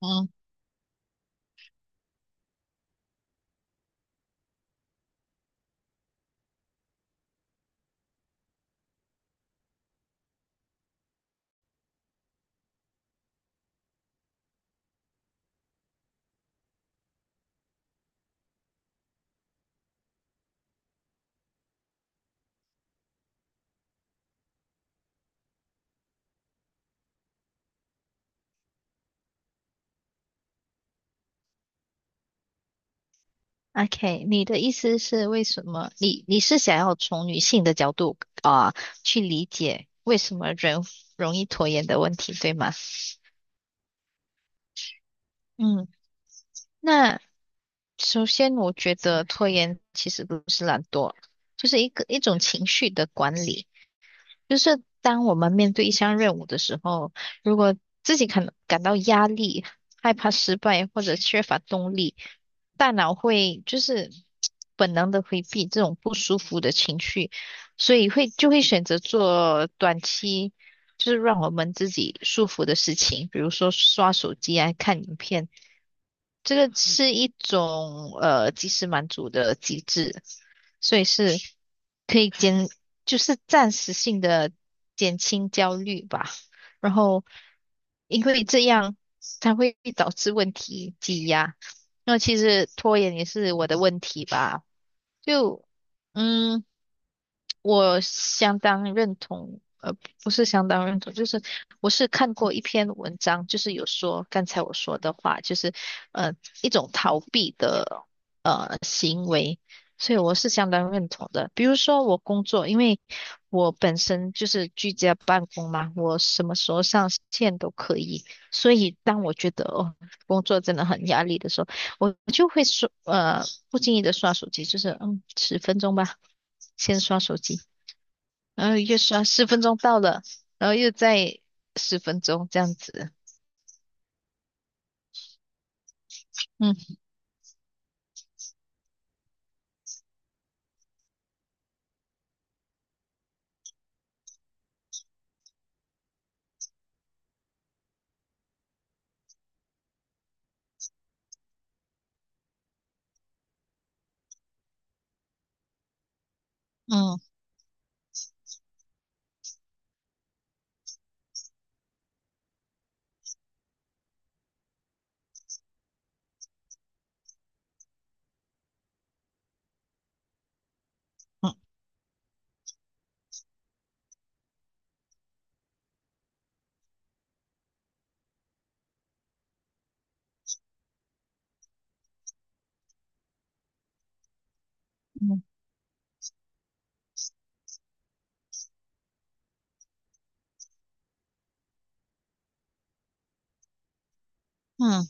嗯，OK，你的意思是为什么？你是想要从女性的角度啊，去理解为什么人容易拖延的问题，对吗？嗯，那首先我觉得拖延其实不是懒惰，就是一种情绪的管理。就是当我们面对一项任务的时候，如果自己感到压力、害怕失败或者缺乏动力，大脑会就是本能的回避这种不舒服的情绪，所以就会选择做短期就是让我们自己舒服的事情，比如说刷手机啊、看影片，这个是一种及时满足的机制。所以是可以减，就是暂时性的减轻焦虑吧。然后，因为这样它会导致问题积压。那其实拖延也是我的问题吧，就嗯。我相当认同，不是相当认同，就是我是看过一篇文章，就是有说刚才我说的话，就是呃一种逃避的行为，所以我是相当认同的。比如说我工作，因为我本身就是居家办公嘛，我什么时候上线都可以，所以当我觉得哦工作真的很压力的时候，我就会说不经意的刷手机，就是十分钟吧，先刷手机。然后又说十分钟到了，然后又再十分钟这样子。嗯嗯嗯嗯嗯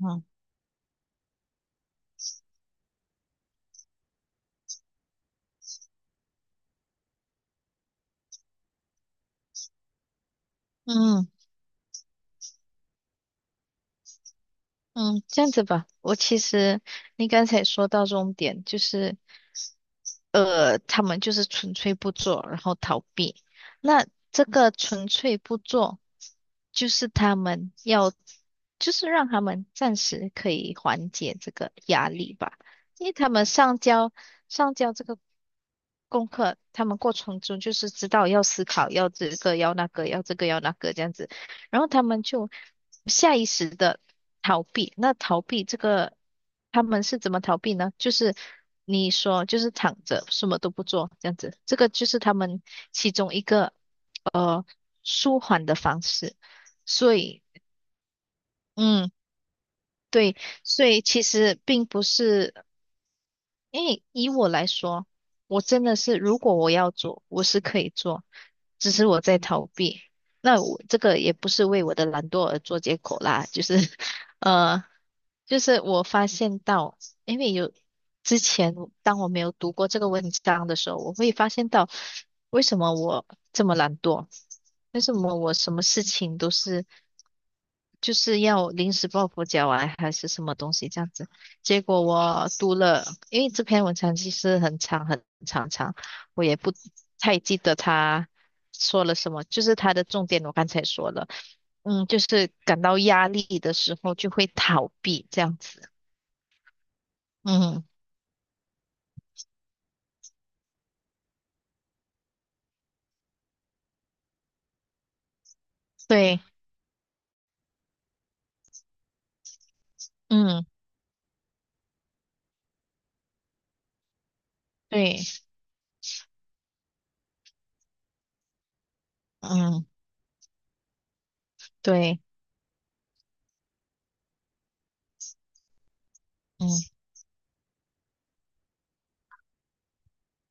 嗯嗯嗯，嗯这样子吧。我其实你刚才说到重点，就是他们就是纯粹不做，然后逃避。那这个纯粹不做，就是他们要，就是让他们暂时可以缓解这个压力吧，因为他们上交这个功课，他们过程中就是知道要思考，要这个要那个，要这个要那个这样子。然后他们就下意识的逃避。那逃避这个，他们是怎么逃避呢？就是你说，就是躺着，什么都不做，这样子，这个就是他们其中一个呃舒缓的方式。所以，嗯，对，所以其实并不是。因为以我来说，我真的是，如果我要做，我是可以做，只是我在逃避。那我这个也不是为我的懒惰而做借口啦，就是，呃，就是我发现到，因为有之前当我没有读过这个文章的时候，我会发现到为什么我这么懒惰，为什么我什么事情都是。就是要临时抱佛脚啊，还是什么东西这样子。结果我读了，因为这篇文章其实很长很长，我也不太记得他说了什么，就是他的重点我刚才说了，嗯，就是感到压力的时候就会逃避这样子。嗯，对，嗯，对，嗯，对，嗯，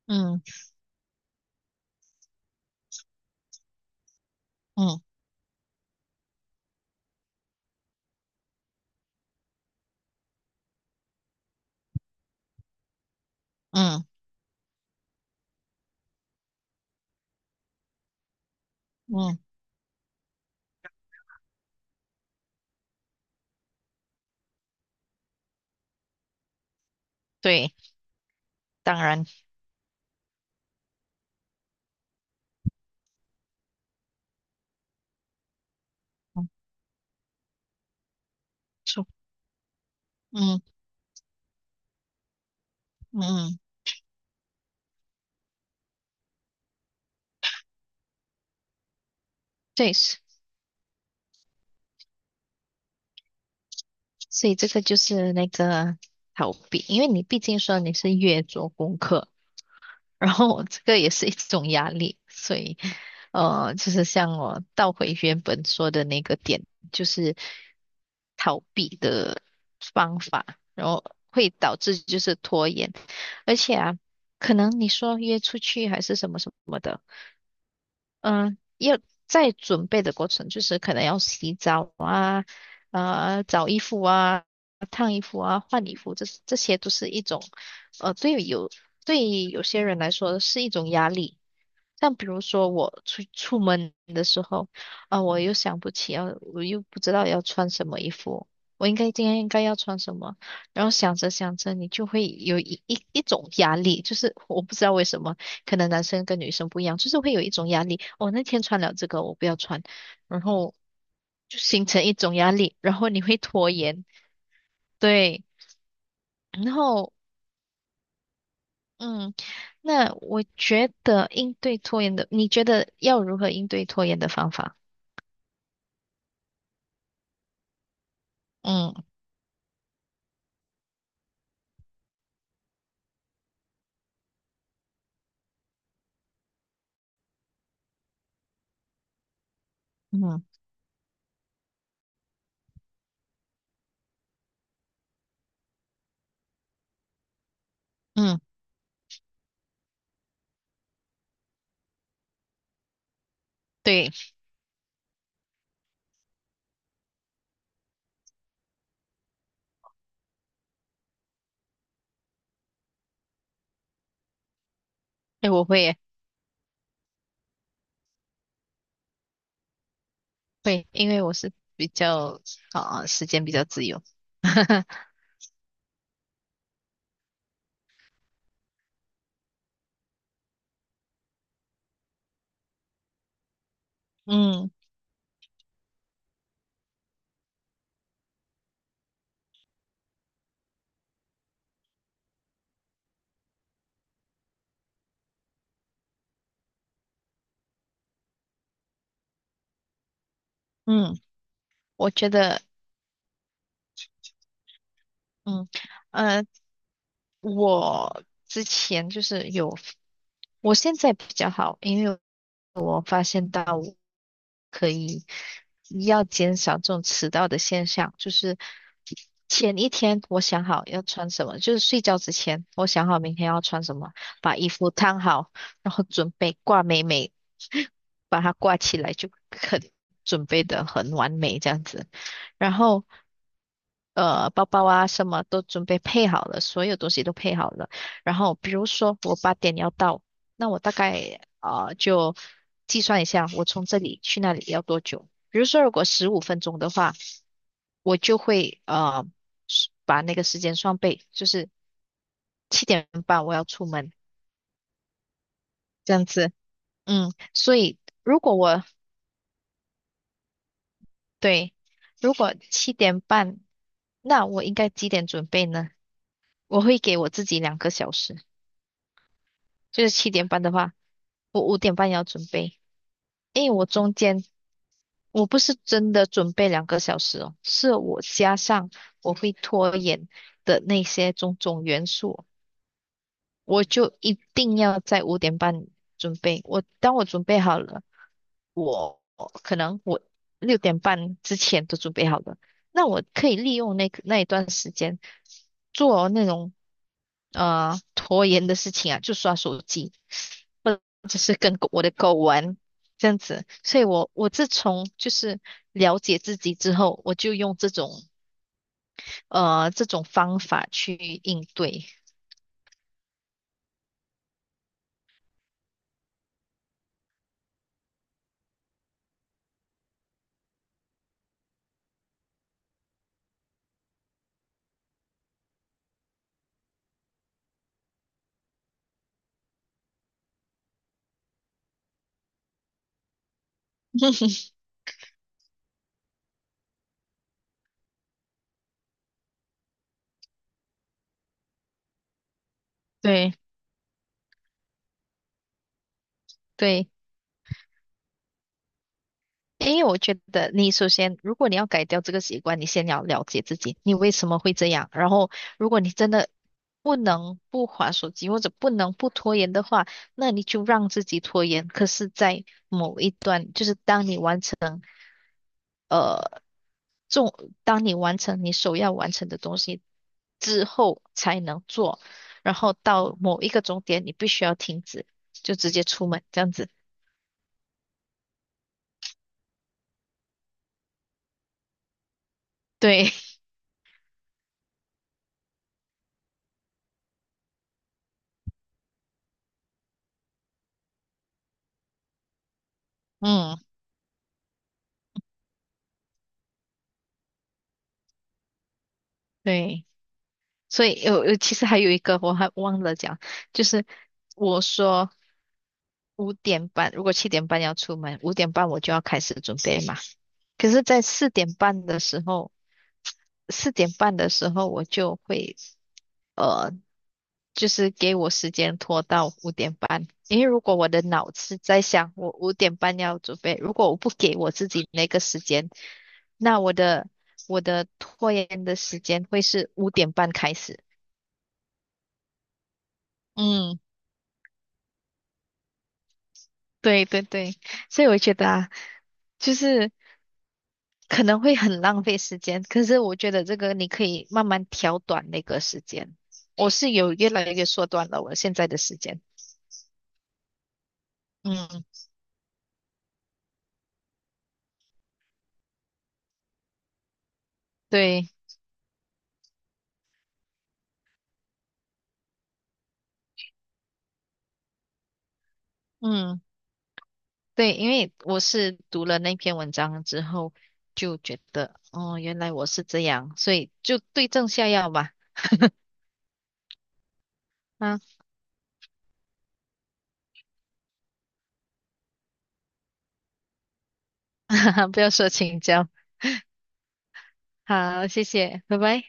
嗯，嗯，嗯，嗯，对，当然，嗯，错，嗯，嗯，嗯对。所以这个就是那个逃避，因为你毕竟说你是越做功课，然后这个也是一种压力，所以就是像我倒回原本说的那个点，就是逃避的方法，然后会导致就是拖延，而且啊，可能你说约出去还是什么什么的。嗯，要在准备的过程，就是可能要洗澡找衣服啊、烫衣服啊、换衣服，这些都是一种呃对有对有些人来说是一种压力。像比如说我出门的时候，啊、我又想不起要，我又不知道要穿什么衣服，我应该今天应该要穿什么，然后想着想着，你就会有一种压力，就是我不知道为什么，可能男生跟女生不一样，就是会有一种压力。我、那天穿了这个，我不要穿，然后就形成一种压力，然后你会拖延，对，然后嗯，那我觉得应对拖延的，你觉得要如何应对拖延的方法？嗯嗯嗯，对，哎，我会耶，会，因为我是比较啊、时间比较自由，嗯嗯，我觉得嗯呃，我之前就是有我现在比较好，因为我发现到我可以要减少这种迟到的现象，就是前一天我想好要穿什么，就是睡觉之前我想好明天要穿什么，把衣服烫好，然后准备挂美美，把它挂起来准备的很完美这样子，然后。包包啊，什么都准备配好了，所有东西都配好了。然后比如说我8点要到，那我大概啊、就计算一下，我从这里去那里要多久。比如说，如果15分钟的话，我就会是把那个时间双倍，就是七点半我要出门这样子。嗯，所以如果我对，如果七点半，那我应该几点准备呢？我会给我自己两个小时，就是七点半的话，我五点半要准备，因为我中间我不是真的准备两个小时哦，是我加上我会拖延的那些种种元素，我就一定要在五点半准备。当我准备好了，我可能我6点半之前都准备好了，那我可以利用那一段时间做那种拖延的事情啊，就刷手机，或者是跟我的狗玩这样子。所以我自从就是了解自己之后，我就用这种方法去应对。对对，因为我觉得你首先，如果你要改掉这个习惯，你先要了解自己，你为什么会这样。然后，如果你真的不能不划手机或者不能不拖延的话，那你就让自己拖延。可是，在某一，就是当你完成呃重，当你完成你首要完成的东西之后才能做，然后到某一个终点，你必须要停止，就直接出门这样子。对，嗯，对。所以有，其实还有一个我还忘了讲，就是我说五点半，如果七点半要出门，五点半我就要开始准备嘛。可是，在四点半的时候我就会呃，就是给我时间拖到五点半，因为如果我的脑子在想我五点半要准备，如果我不给我自己那个时间，那我的拖延的时间会是五点半开始。嗯。对对对，所以我觉得啊，就是可能会很浪费时间，可是我觉得这个你可以慢慢调短那个时间。我是有越来越缩短了我现在的时间。嗯，对，嗯，对，因为我是读了那篇文章之后，就觉得哦，原来我是这样，所以就对症下药吧。啊，不要说请教。好，谢谢，拜拜。